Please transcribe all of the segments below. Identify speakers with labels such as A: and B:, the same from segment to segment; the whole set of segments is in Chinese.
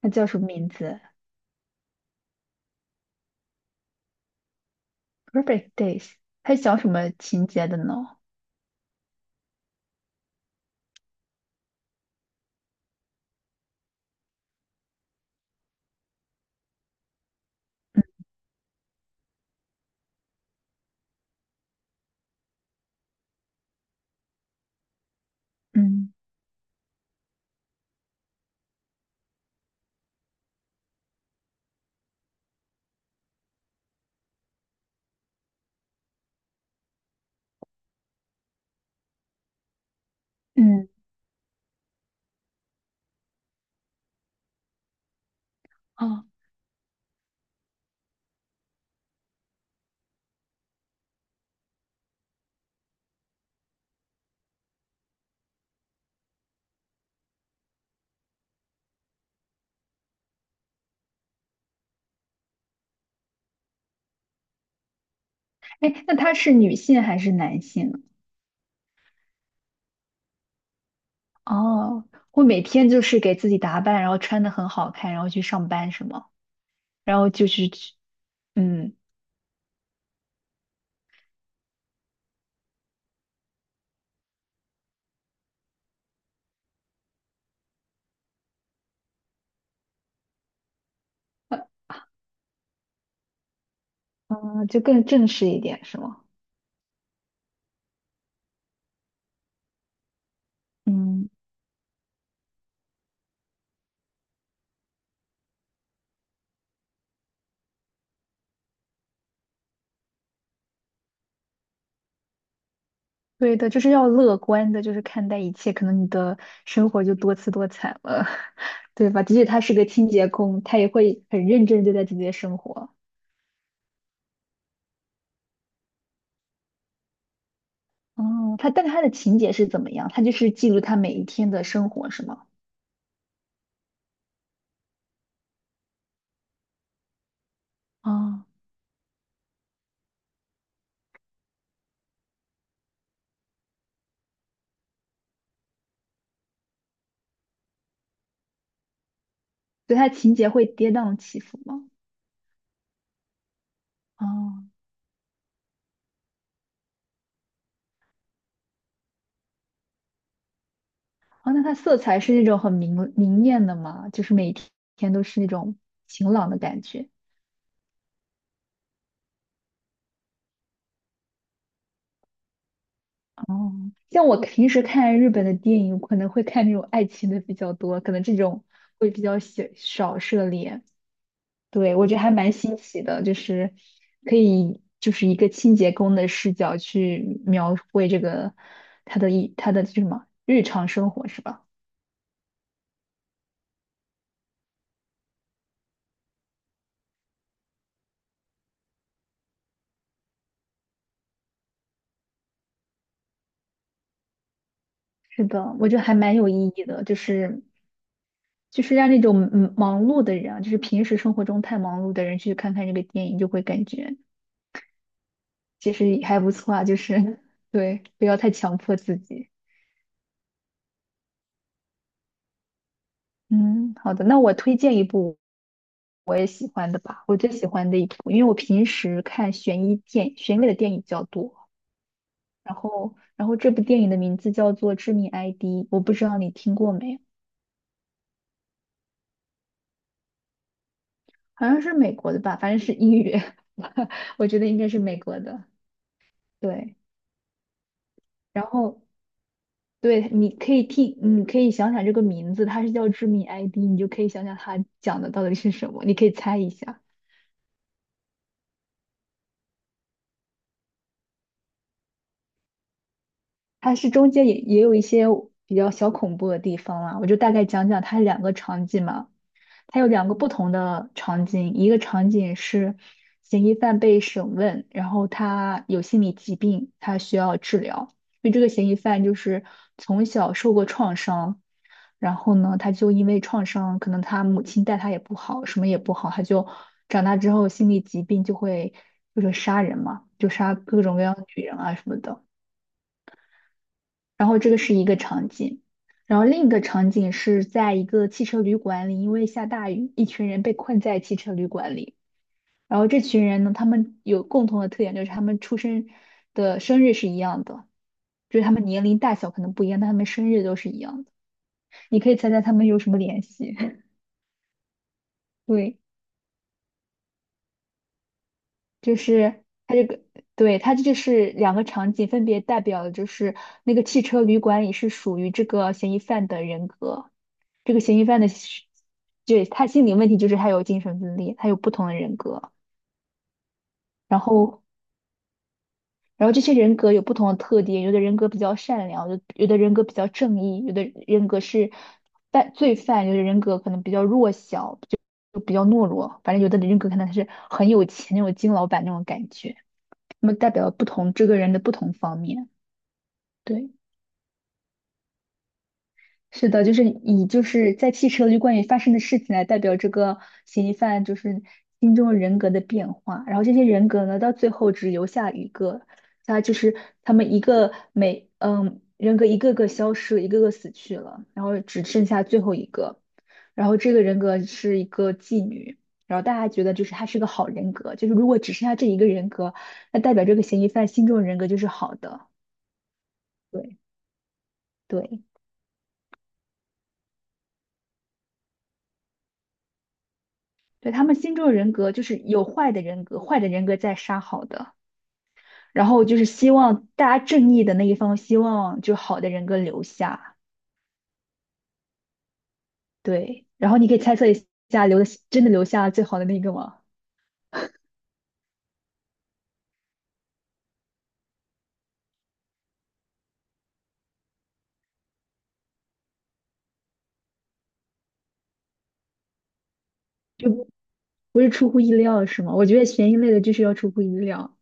A: 它叫什么名字？Perfect Days。它讲什么情节的呢？嗯嗯，哦，哎，那他是女性还是男性？哦，我每天就是给自己打扮，然后穿的很好看，然后去上班是吗？然后就是去，嗯呃嗯，就更正式一点是吗？嗯，对的，就是要乐观的，就是看待一切，可能你的生活就多姿多彩了，对吧？即使他是个清洁工，他也会很认真地对待自己的生活。哦，但他的情节是怎么样？他就是记录他每一天的生活是吗？哦，所以他情节会跌宕起伏吗？哦，哦，那它色彩是那种很明艳的吗？就是每一天都是那种晴朗的感觉。哦，像我平时看日本的电影，可能会看那种爱情的比较多，可能这种会比较小少涉猎。对，我觉得还蛮新奇的，就是可以就是一个清洁工的视角去描绘这个他的这什么日常生活是吧？是的，我觉得还蛮有意义的，就是让那种忙碌的人啊，就是平时生活中太忙碌的人去看看这个电影，就会感觉其实还不错啊，就是对，不要太强迫自己。嗯，好的，那我推荐一部我喜欢的吧，我最喜欢的一部，因为我平时看悬疑类的电影比较多。然后这部电影的名字叫做《致命 ID》，我不知道你听过没，好像是美国的吧，反正是英语，我觉得应该是美国的。对，然后对，你可以听，你可以想想这个名字，它是叫《致命 ID》，你就可以想想它讲的到底是什么，你可以猜一下。它是中间也有一些比较小恐怖的地方啦，我就大概讲讲它两个场景嘛。它有两个不同的场景，一个场景是嫌疑犯被审问，然后他有心理疾病，他需要治疗。因为这个嫌疑犯就是从小受过创伤，然后呢，他就因为创伤，可能他母亲待他也不好，什么也不好，他就长大之后心理疾病就会就是杀人嘛，就杀各种各样的女人啊什么的。然后这个是一个场景，然后另一个场景是在一个汽车旅馆里，因为下大雨，一群人被困在汽车旅馆里。然后这群人呢，他们有共同的特点，就是他们出生的生日是一样的，就是他们年龄大小可能不一样，但他们生日都是一样的。你可以猜猜他们有什么联系？对，就是它这个，对，它这就是两个场景，分别代表的就是那个汽车旅馆里是属于这个嫌疑犯的人格。这个嫌疑犯的心，对，他心理问题就是他有精神分裂，他有不同的人格，然后，然后这些人格有不同的特点，有的人格比较善良，有的人格比较正义，有的人格是犯罪犯，有的人格可能比较弱小，就比较懦弱，反正有的人格可能是很有钱那种金老板那种感觉，那么代表不同这个人的不同方面，对。是的，就是以就是在汽车旅关于发生的事情来代表这个嫌疑犯就是心中人格的变化，然后这些人格呢，到最后只留下一个，他就是他们一个每人格一个个消失，一个个死去了，然后只剩下最后一个，然后这个人格是一个妓女，然后大家觉得就是她是个好人格，就是如果只剩下这一个人格，那代表这个嫌疑犯心中的人格就是好的，对对。对，他们心中的人格就是有坏的人格，坏的人格在杀好的，然后就是希望大家正义的那一方，希望就好的人格留下。对，然后你可以猜测一下，留的真的留下最好的那个吗？就不是出乎意料是吗？我觉得悬疑类的就是要出乎意料。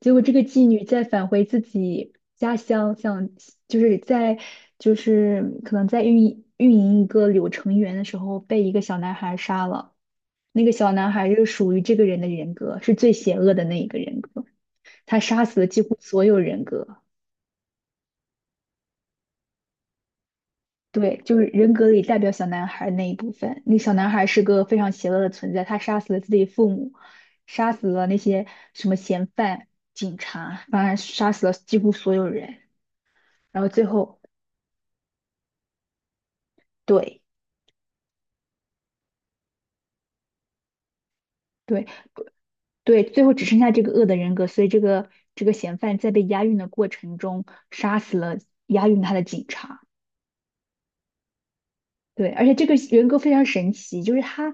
A: 结果这个妓女在返回自己家乡，想就是在就是可能在运营一个柳成园的时候，被一个小男孩杀了。那个小男孩是属于这个人的人格，是最邪恶的那一个人格，他杀死了几乎所有人格。对，就是人格里代表小男孩那一部分。那小男孩是个非常邪恶的存在，他杀死了自己父母，杀死了那些什么嫌犯、警察，当然杀死了几乎所有人。然后最后，对对对，最后只剩下这个恶的人格，所以这个嫌犯在被押运的过程中杀死了押运他的警察。对，而且这个人格非常神奇，就是他，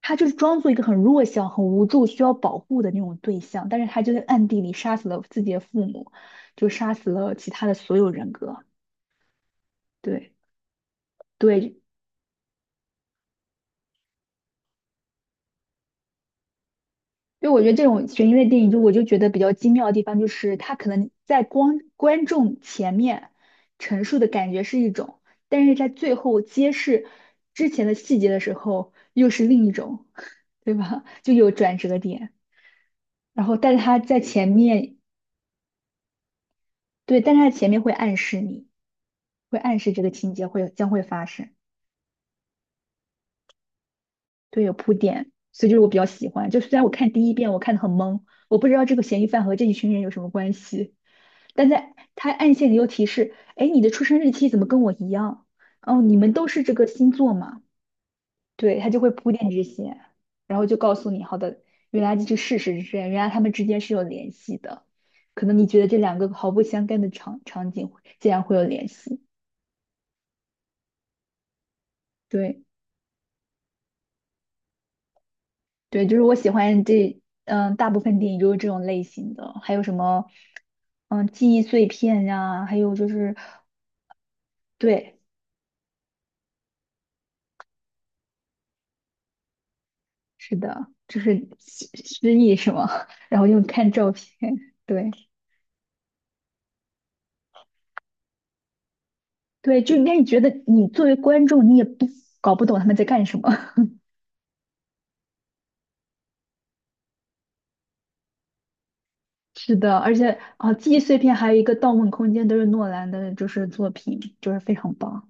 A: 他就是装作一个很弱小、很无助、需要保护的那种对象，但是他就在暗地里杀死了自己的父母，就杀死了其他的所有人格。对对，就我觉得这种悬疑类电影，就我就觉得比较精妙的地方，就是他可能在光观众前面陈述的感觉是一种，但是在最后揭示之前的细节的时候，又是另一种，对吧？就有转折点。然后但是他在前面，对，但是他前面会暗示你，会暗示这个情节会将会发生，对，有铺垫，所以就是我比较喜欢。就虽然我看第一遍我看的很懵，我不知道这个嫌疑犯和这一群人有什么关系，但在他暗线里又提示，哎，你的出生日期怎么跟我一样？哦，你们都是这个星座嘛？对，他就会铺垫这些，然后就告诉你，好的，原来这事实是这样，原来他们之间是有联系的。可能你觉得这两个毫不相干的场景会竟然会有联系。对对，就是我喜欢这，嗯，大部分电影都是这种类型的，还有什么，嗯，记忆碎片呀、还有就是，对，是的，就是失忆是吗？然后又看照片，对对，就应该你觉得你作为观众，你也不搞不懂他们在干什么。是的，而且啊，记忆碎片还有一个《盗梦空间》都是诺兰的，就是作品，就是非常棒。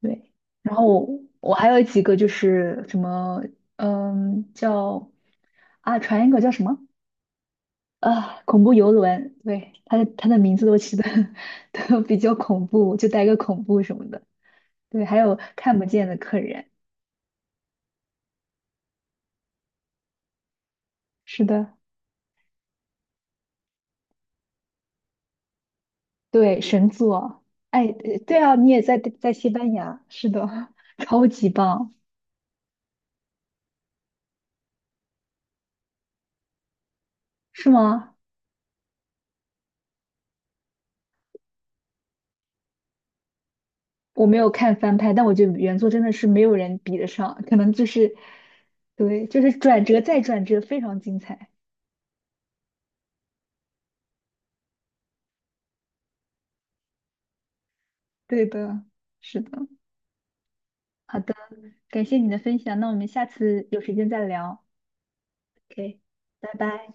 A: 对，然后我还有几个就是什么，嗯，叫啊，传一个叫什么啊，恐怖游轮，对，它的名字都起的 都比较恐怖，就带个恐怖什么的。对，还有看不见的客人，是的，对，神作，哎，对啊，你也在西班牙，是的，超级棒，是吗？我没有看翻拍，但我觉得原作真的是没有人比得上，可能就是，对，就是转折再转折，非常精彩。对的，是的，好的，感谢你的分享，那我们下次有时间再聊。OK，拜拜。